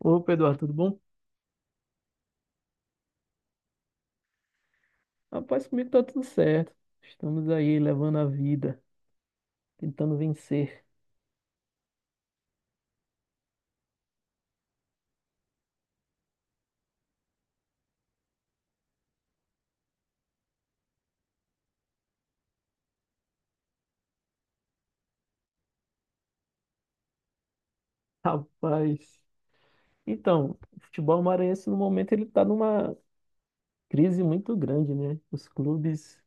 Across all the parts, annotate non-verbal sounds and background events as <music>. Opa, Eduardo, tudo bom? Rapaz, comigo tá tudo certo. Estamos aí levando a vida, tentando vencer. <laughs> Rapaz. Então, o futebol maranhense no momento ele tá numa crise muito grande, né? Os clubes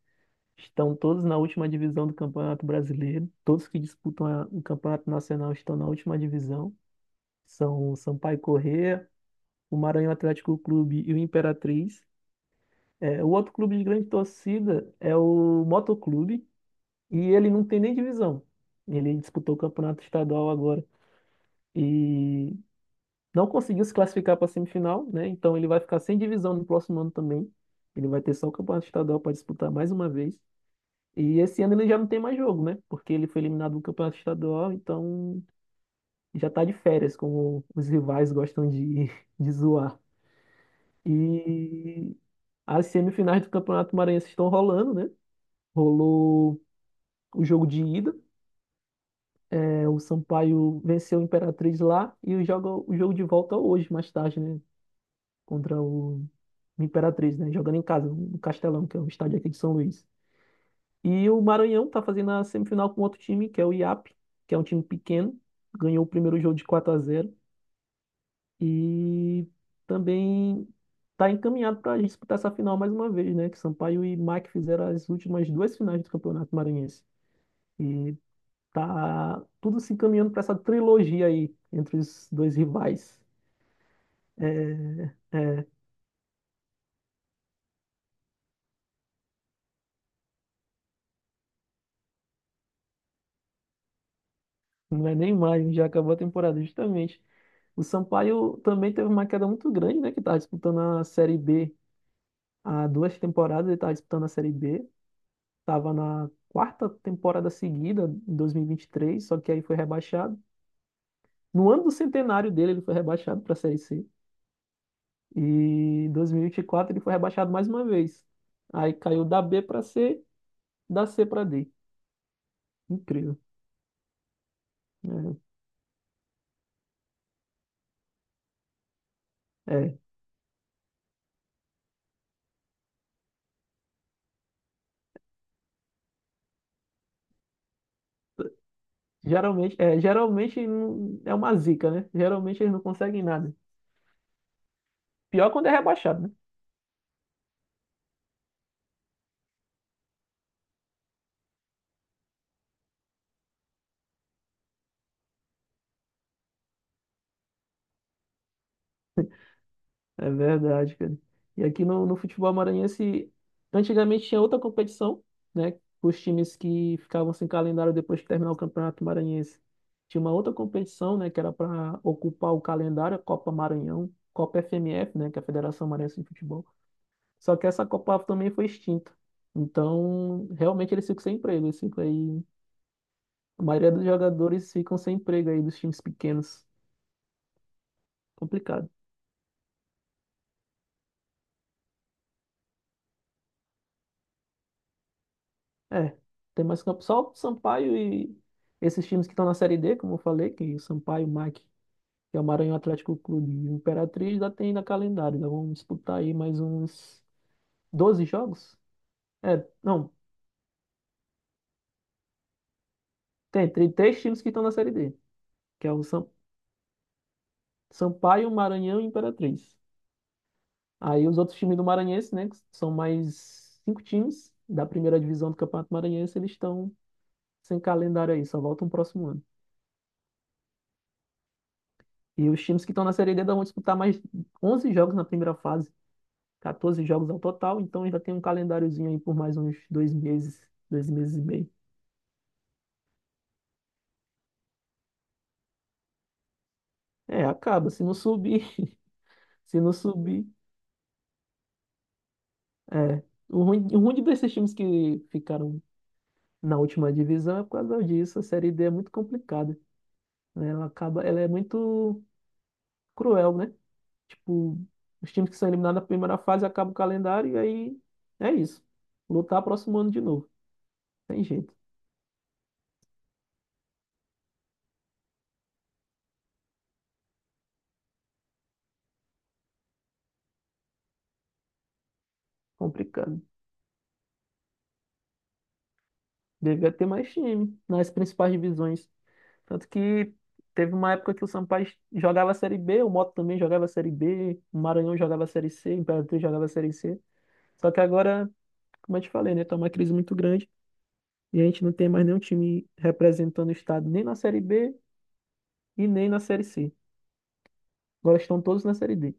estão todos na última divisão do Campeonato Brasileiro. Todos que disputam o Campeonato Nacional estão na última divisão. São o Sampaio Corrêa, o Maranhão Atlético Clube e o Imperatriz. É, o outro clube de grande torcida é o Motoclube. E ele não tem nem divisão. Ele disputou o campeonato estadual agora e não conseguiu se classificar para a semifinal, né? Então ele vai ficar sem divisão no próximo ano também. Ele vai ter só o campeonato estadual para disputar mais uma vez. E esse ano ele já não tem mais jogo, né? Porque ele foi eliminado do campeonato estadual, então já tá de férias, como os rivais gostam de, <laughs> de zoar. E as semifinais do Campeonato Maranhense estão rolando, né? Rolou o jogo de ida. É, o Sampaio venceu o Imperatriz lá e joga o jogo de volta hoje, mais tarde, né? Contra o Imperatriz, né? Jogando em casa, no Castelão, que é um estádio aqui de São Luís. E o Maranhão tá fazendo a semifinal com outro time, que é o IAP, que é um time pequeno. Ganhou o primeiro jogo de 4-0 e também tá encaminhado para disputar essa final mais uma vez, né? Que Sampaio e Mike fizeram as últimas duas finais do Campeonato Maranhense. E tá tudo se encaminhando para essa trilogia aí entre os dois rivais. É. Não é nem mais, já acabou a temporada, justamente. O Sampaio também teve uma queda muito grande, né? Que estava disputando a Série B há 2 temporadas, ele estava disputando a Série B. Estava na quarta temporada seguida, em 2023, só que aí foi rebaixado. No ano do centenário dele, ele foi rebaixado para a Série C. E em 2024 ele foi rebaixado mais uma vez. Aí caiu da B para C, da C para D. Incrível, né? É. Geralmente, geralmente é uma zica, né? Geralmente eles não conseguem nada. Pior quando é rebaixado, né? É verdade, cara. E aqui no futebol maranhense, antigamente tinha outra competição, né? Os times que ficavam sem calendário depois que terminar o Campeonato Maranhense. Tinha uma outra competição, né? Que era para ocupar o calendário, a Copa Maranhão, Copa FMF, né? Que é a Federação Maranhense de Futebol. Só que essa Copa também foi extinta. Então, realmente eles ficam sem emprego. Eles ficam aí, a maioria dos jogadores ficam sem emprego aí dos times pequenos. Complicado. É, tem mais campo. Só o Sampaio e esses times que estão na Série D, como eu falei, que o Sampaio, o MAC, que é o Maranhão Atlético Clube e o Imperatriz, já tem na calendário. Ainda vamos disputar aí mais uns 12 jogos? É, não, tem três times que estão na Série D, que é o Sampaio, Maranhão e Imperatriz. Aí os outros times do Maranhense, né, que são mais cinco times da primeira divisão do Campeonato Maranhense, eles estão sem calendário aí, só voltam o próximo ano. E os times que estão na Série D ainda vão disputar mais 11 jogos na primeira fase. 14 jogos ao total, então ainda tem um calendáriozinho aí por mais uns 2 meses, 2 meses e meio. É, acaba. Se não subir, <laughs> se não subir. É. O ruim de desses times que ficaram na última divisão é por causa disso. A Série D é muito complicada, né? Ela acaba, ela é muito cruel, né? Tipo, os times que são eliminados na primeira fase acabam o calendário e aí é isso. Lutar próximo ano de novo. Tem jeito. Complicado. Devia ter mais time nas principais divisões. Tanto que teve uma época que o Sampaio jogava a Série B, o Moto também jogava a Série B, o Maranhão jogava a Série C, o Imperatriz jogava a Série C. Só que agora, como eu te falei, né, tá uma crise muito grande e a gente não tem mais nenhum time representando o estado nem na Série B e nem na Série C. Agora estão todos na Série D.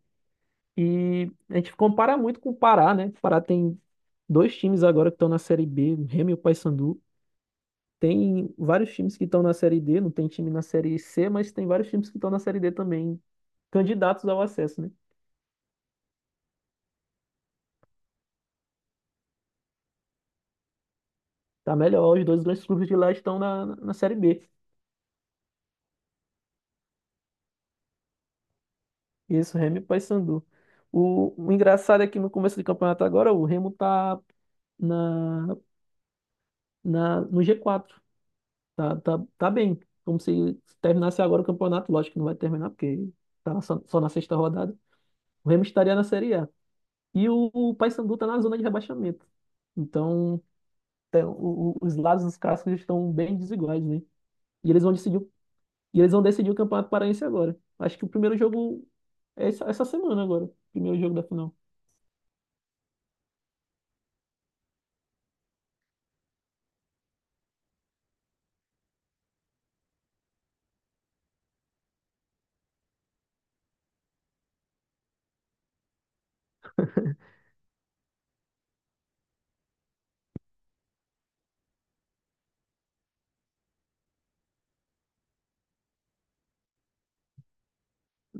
E a gente compara muito com o Pará, né? O Pará tem dois times agora que estão na Série B, o Remo e o Paysandu. Tem vários times que estão na Série D, não tem time na Série C, mas tem vários times que estão na Série D também. Candidatos ao acesso, né? Tá melhor, os dois grandes clubes de lá estão na Série B. Isso, Remo e Paysandu. O engraçado é que no começo do campeonato agora, o Remo tá na, no G4. Tá, tá, tá bem. Como se terminasse agora o campeonato, lógico que não vai terminar, porque só na sexta rodada. O Remo estaria na Série A. E o Paysandu tá na zona de rebaixamento. Então, os lados dos cascos estão bem desiguais, né? E eles vão decidir E eles vão decidir o Campeonato Paraense agora. Acho que o primeiro jogo é essa semana agora. Primeiro jogo da final.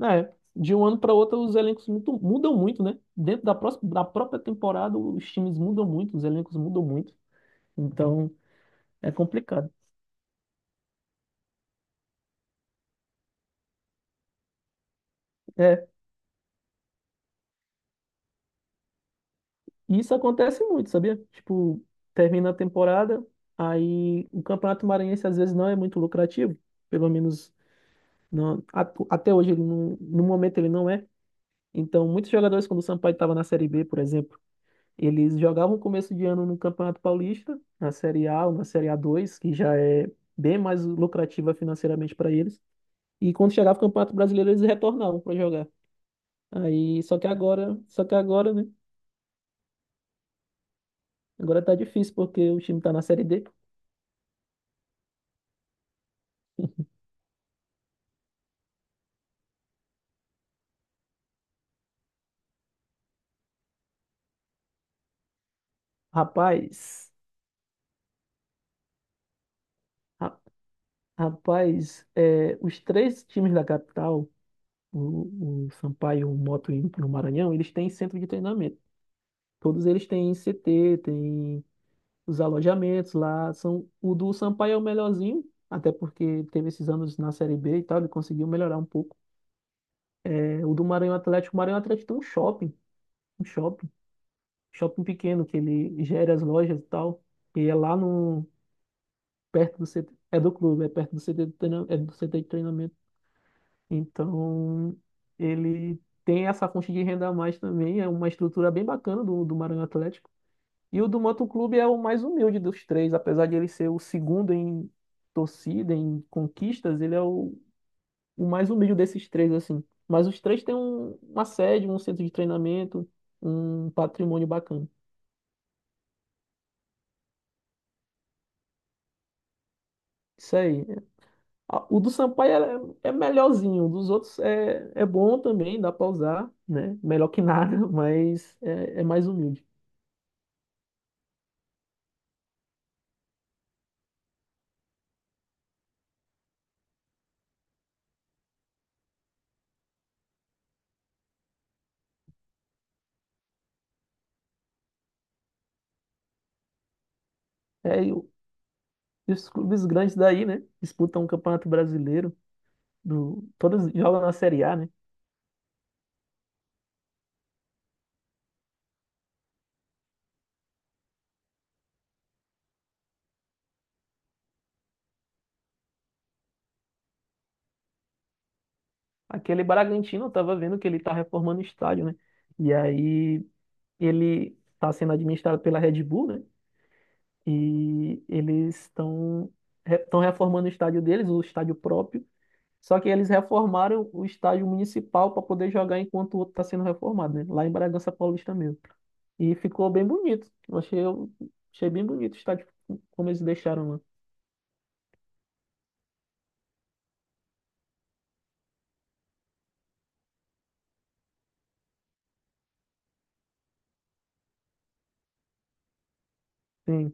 É, de um ano para outro os elencos mudam muito, né? Dentro da, próxima, da própria temporada os times mudam muito, os elencos mudam muito. Então é complicado. É, e isso acontece muito, sabia? Tipo, termina a temporada, aí o Campeonato Maranhense às vezes não é muito lucrativo, pelo menos não, até hoje ele não, no momento ele não é. Então muitos jogadores quando o Sampaio estava na Série B, por exemplo, eles jogavam começo de ano no Campeonato Paulista, na Série A ou na Série a dois, que já é bem mais lucrativa financeiramente para eles. E quando chegava o Campeonato Brasileiro, eles retornavam para jogar. Aí, só que agora, né? Agora tá difícil porque o time tá na Série D. Rapaz, ra- rapaz, os três times da capital, o Sampaio, o Moto e o Maranhão, eles têm centro de treinamento. Todos eles têm CT, têm os alojamentos lá são o do Sampaio é o melhorzinho, até porque teve esses anos na Série B e tal, ele conseguiu melhorar um pouco. É, o Maranhão Atlético tem um shopping pequeno que ele gera as lojas e tal, e é lá no perto do CT, é do clube, é perto do CT de treinamento, é do CT de treinamento. Então, ele tem essa fonte de renda a mais também, é uma estrutura bem bacana do Maranhão Atlético. E o do Moto Clube é o mais humilde dos três, apesar de ele ser o segundo em torcida, em conquistas, ele é o mais humilde desses três, assim. Mas os três têm uma sede, um centro de treinamento, um patrimônio bacana. Isso aí. O do Sampaio é melhorzinho, o dos outros é bom também, dá pra usar, né? Melhor que nada, <laughs> mas é mais humilde. É, e os clubes grandes daí, né? Disputam o Campeonato Brasileiro, todos jogam na Série A, né? Aquele Bragantino, eu tava vendo que ele tá reformando o estádio, né? E aí ele tá sendo administrado pela Red Bull, né? E eles estão reformando o estádio deles, o estádio próprio. Só que eles reformaram o estádio municipal para poder jogar enquanto o outro está sendo reformado, né? Lá em Bragança Paulista mesmo. E ficou bem bonito. Eu achei bem bonito o estádio como eles deixaram lá. Sim,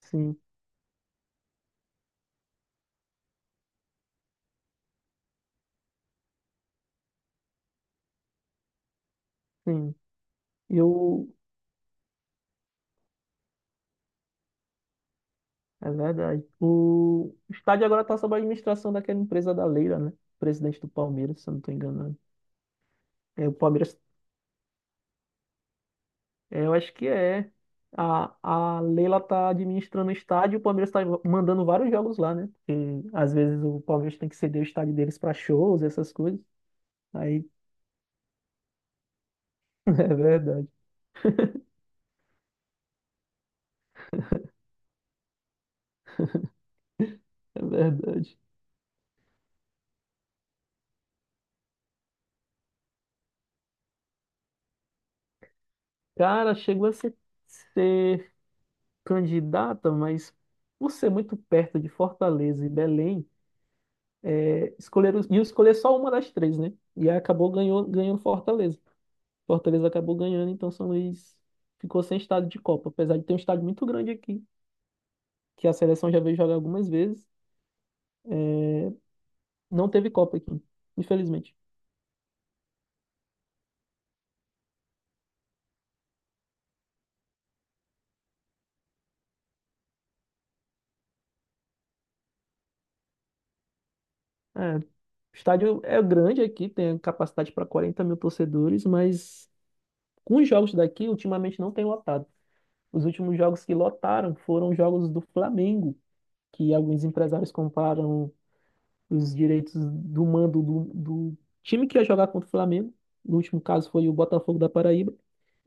sim, sim. eu É verdade. O estádio agora está sob a administração daquela empresa da Leila, né? Presidente do Palmeiras, se eu não estou enganado. É, o Palmeiras, eu acho que é. A, a Leila está administrando o estádio e o Palmeiras está mandando vários jogos lá, né? Porque às vezes o Palmeiras tem que ceder o estádio deles para shows, essas coisas. Aí, <laughs> é verdade, é verdade. Cara, chegou a ser candidata, mas por ser muito perto de Fortaleza e Belém. Ia escolher só uma das três, né? E aí acabou ganhando Fortaleza. Fortaleza acabou ganhando, então São Luís ficou sem estádio de Copa. Apesar de ter um estádio muito grande aqui, que a seleção já veio jogar algumas vezes, não teve Copa aqui, infelizmente. É, o estádio é grande aqui, tem capacidade para 40 mil torcedores, mas com os jogos daqui, ultimamente não tem lotado. Os últimos jogos que lotaram foram os jogos do Flamengo, que alguns empresários compraram os direitos do mando do time que ia jogar contra o Flamengo. No último caso foi o Botafogo da Paraíba.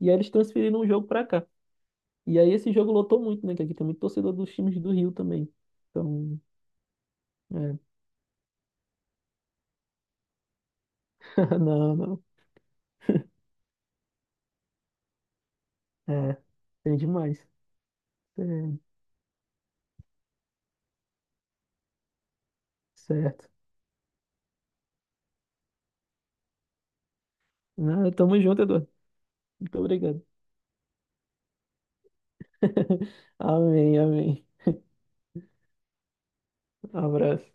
E aí eles transferiram o jogo pra cá. E aí esse jogo lotou muito, né? Que aqui tem muito torcedor dos times do Rio também. Então, é. <laughs> Não, não. É, tem demais. É, certo. Não, tamo junto, Eduardo. Muito obrigado. <laughs> Amém, amém. Abraço.